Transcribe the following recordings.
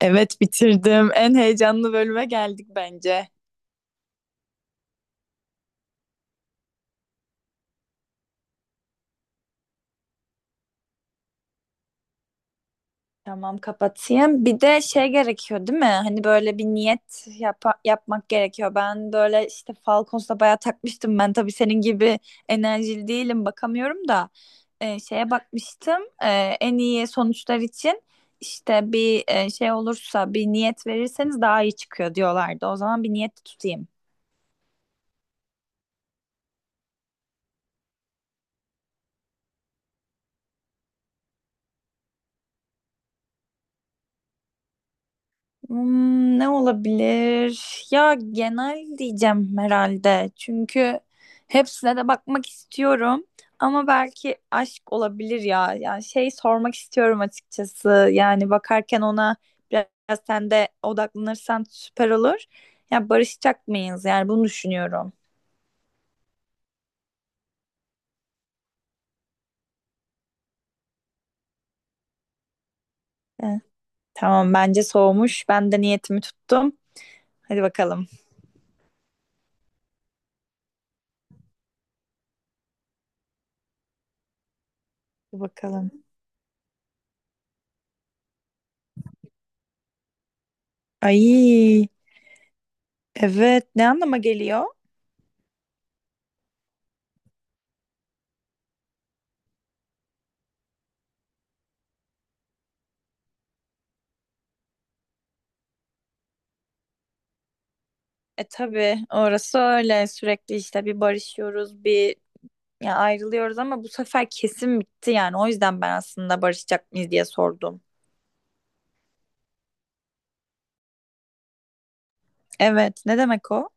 Evet bitirdim. En heyecanlı bölüme geldik bence. Tamam kapatayım. Bir de şey gerekiyor değil mi? Hani böyle bir niyet yapmak gerekiyor. Ben böyle işte Falcons'la bayağı takmıştım. Ben tabii senin gibi enerjili değilim bakamıyorum da. Şeye bakmıştım. En iyi sonuçlar için işte bir şey olursa bir niyet verirseniz daha iyi çıkıyor diyorlardı. O zaman bir niyet tutayım. Ne olabilir? Ya genel diyeceğim herhalde. Çünkü hepsine de bakmak istiyorum. Ama belki aşk olabilir ya. Yani şey sormak istiyorum açıkçası. Yani bakarken ona biraz sen de odaklanırsan süper olur. Ya barışacak mıyız? Yani bunu düşünüyorum. Eh, tamam bence soğumuş. Ben de niyetimi tuttum. Hadi bakalım. Hadi bakalım. Ay. Evet, ne anlama geliyor? Tabii orası öyle, sürekli işte bir barışıyoruz bir ya ayrılıyoruz, ama bu sefer kesin bitti yani. O yüzden ben aslında barışacak mıyız diye sordum. Evet, ne demek o?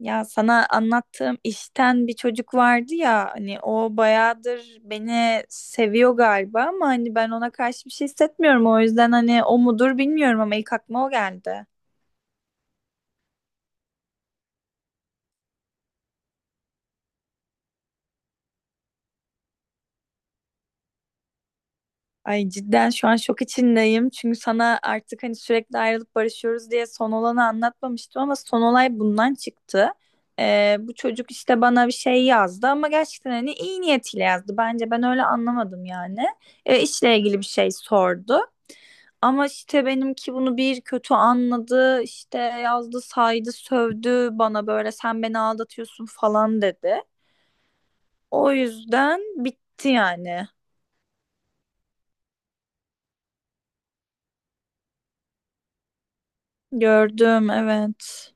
Ya sana anlattığım işten bir çocuk vardı ya. Hani o bayağıdır beni seviyor galiba, ama hani ben ona karşı bir şey hissetmiyorum. O yüzden hani o mudur bilmiyorum, ama ilk aklıma o geldi. Ay cidden şu an şok içindeyim, çünkü sana artık hani sürekli ayrılıp barışıyoruz diye son olanı anlatmamıştım, ama son olay bundan çıktı. Bu çocuk işte bana bir şey yazdı, ama gerçekten hani iyi niyetiyle yazdı bence. Ben öyle anlamadım yani. İşle ilgili bir şey sordu. Ama işte benimki bunu bir kötü anladı, işte yazdı, saydı, sövdü bana, böyle sen beni aldatıyorsun falan dedi. O yüzden bitti yani. Gördüm, evet.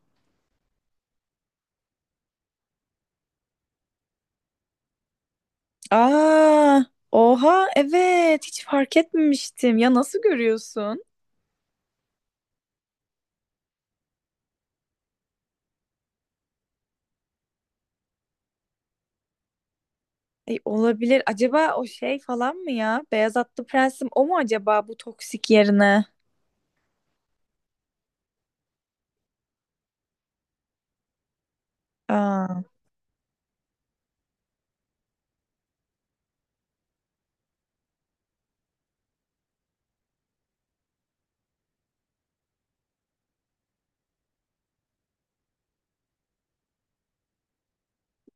Aa, oha, evet. Hiç fark etmemiştim. Ya nasıl görüyorsun? Olabilir. Acaba o şey falan mı ya? Beyaz Atlı Prensim o mu acaba, bu toksik yerine? Aa,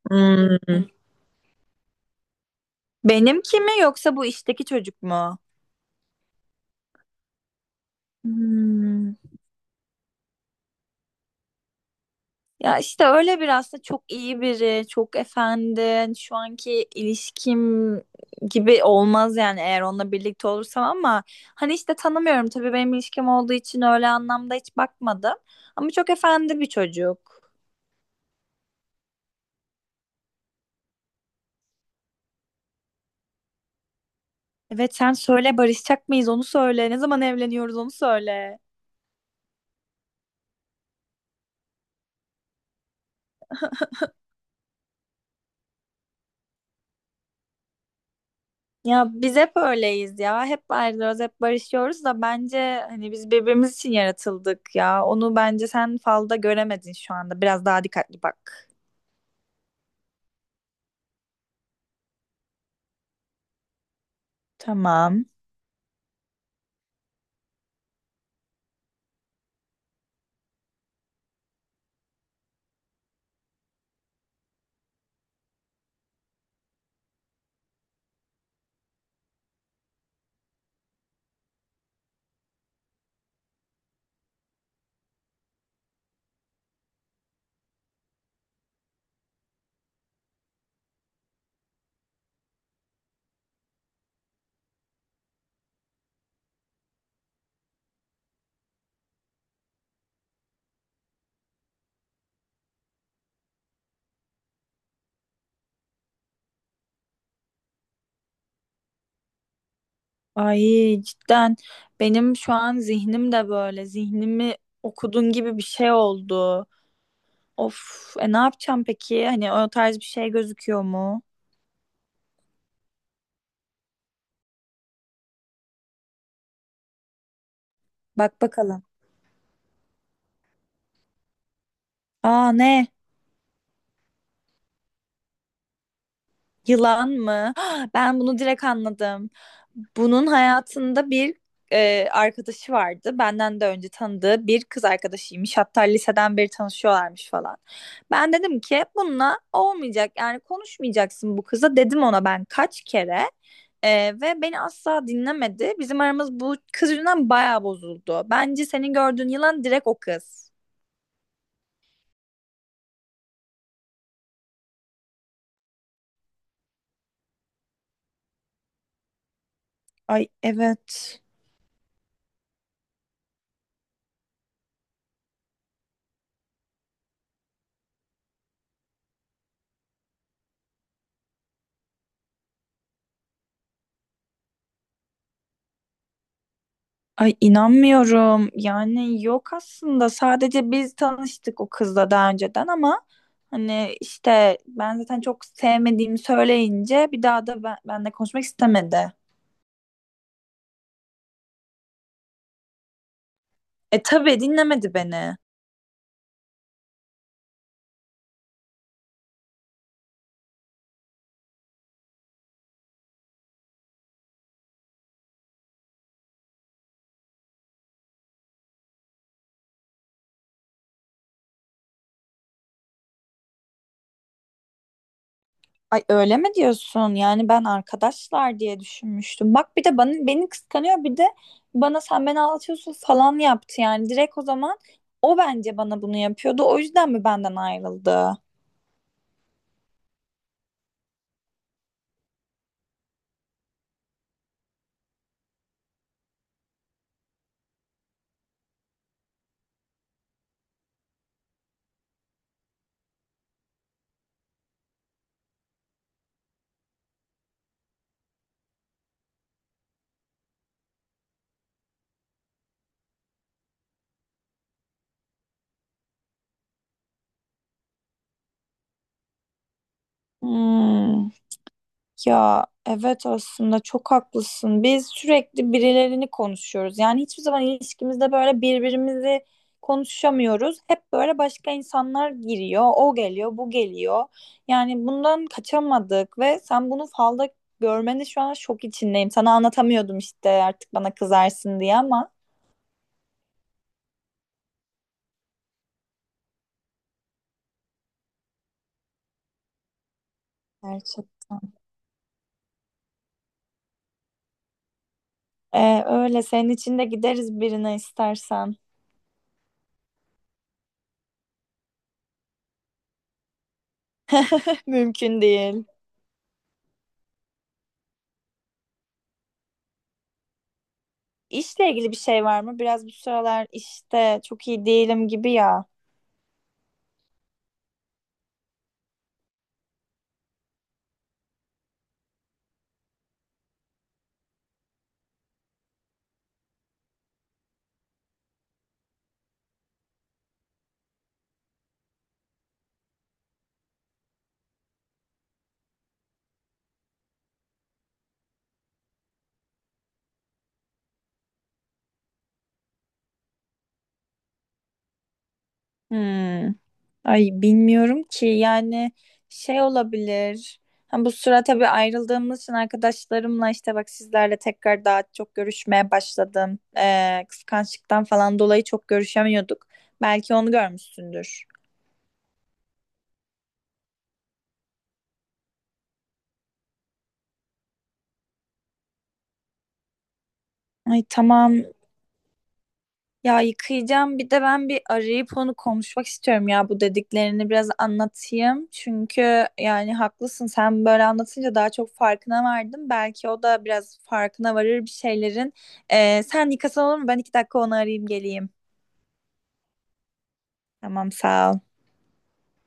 hmm. Benimki mi yoksa bu işteki çocuk mu? Hmm. Ya işte öyle bir aslında, çok iyi biri, çok efendi. Hani, şu anki ilişkim gibi olmaz yani, eğer onunla birlikte olursam. Ama hani işte tanımıyorum tabii, benim ilişkim olduğu için öyle anlamda hiç bakmadım. Ama çok efendi bir çocuk. Evet sen söyle, barışacak mıyız onu söyle. Ne zaman evleniyoruz onu söyle. Ya biz hep öyleyiz ya. Hep ayrılıyoruz, hep barışıyoruz, da bence hani biz birbirimiz için yaratıldık ya. Onu bence sen falda göremedin şu anda. Biraz daha dikkatli bak. Tamam. Ay cidden benim şu an zihnim de böyle, zihnimi okudun gibi bir şey oldu. Of, ne yapacağım peki? Hani o tarz bir şey gözüküyor mu? Bak bakalım. Aa ne? Yılan mı? Ben bunu direkt anladım. Bunun hayatında bir arkadaşı vardı. Benden de önce tanıdığı bir kız arkadaşıymış. Hatta liseden beri tanışıyorlarmış falan. Ben dedim ki bununla olmayacak. Yani konuşmayacaksın bu kıza. Dedim ona ben kaç kere. E, ve beni asla dinlemedi. Bizim aramız bu kız yüzünden bayağı bozuldu. Bence senin gördüğün yılan direkt o kız. Ay evet. Ay inanmıyorum. Yani yok aslında. Sadece biz tanıştık o kızla daha önceden, ama hani işte ben zaten çok sevmediğimi söyleyince bir daha da benle konuşmak istemedi. Tabii dinlemedi beni. Ay öyle mi diyorsun? Yani ben arkadaşlar diye düşünmüştüm. Bak bir de bana, beni kıskanıyor. Bir de bana sen beni aldatıyorsun falan yaptı. Yani direkt o zaman o bence bana bunu yapıyordu. O yüzden mi benden ayrıldı? Hmm. Ya evet aslında çok haklısın. Biz sürekli birilerini konuşuyoruz. Yani hiçbir zaman ilişkimizde böyle birbirimizi konuşamıyoruz. Hep böyle başka insanlar giriyor. O geliyor, bu geliyor. Yani bundan kaçamadık, ve sen bunu falda görmeni şu an şok içindeyim. Sana anlatamıyordum işte, artık bana kızarsın diye ama. Gerçekten. Öyle senin için de gideriz birine istersen. Mümkün değil. İşle ilgili bir şey var mı? Biraz bu sıralar işte çok iyi değilim gibi ya. Hmm. Ay bilmiyorum ki, yani şey olabilir. Ha, bu sıra tabii ayrıldığımız için arkadaşlarımla, işte bak sizlerle, tekrar daha çok görüşmeye başladım. Kıskançlıktan falan dolayı çok görüşemiyorduk. Belki onu görmüşsündür. Ay tamam. Ya yıkayacağım. Bir de ben bir arayıp onu konuşmak istiyorum ya, bu dediklerini biraz anlatayım. Çünkü yani haklısın. Sen böyle anlatınca daha çok farkına vardım. Belki o da biraz farkına varır bir şeylerin. Sen yıkasan olur mu? Ben 2 dakika onu arayayım geleyim. Tamam sağ ol.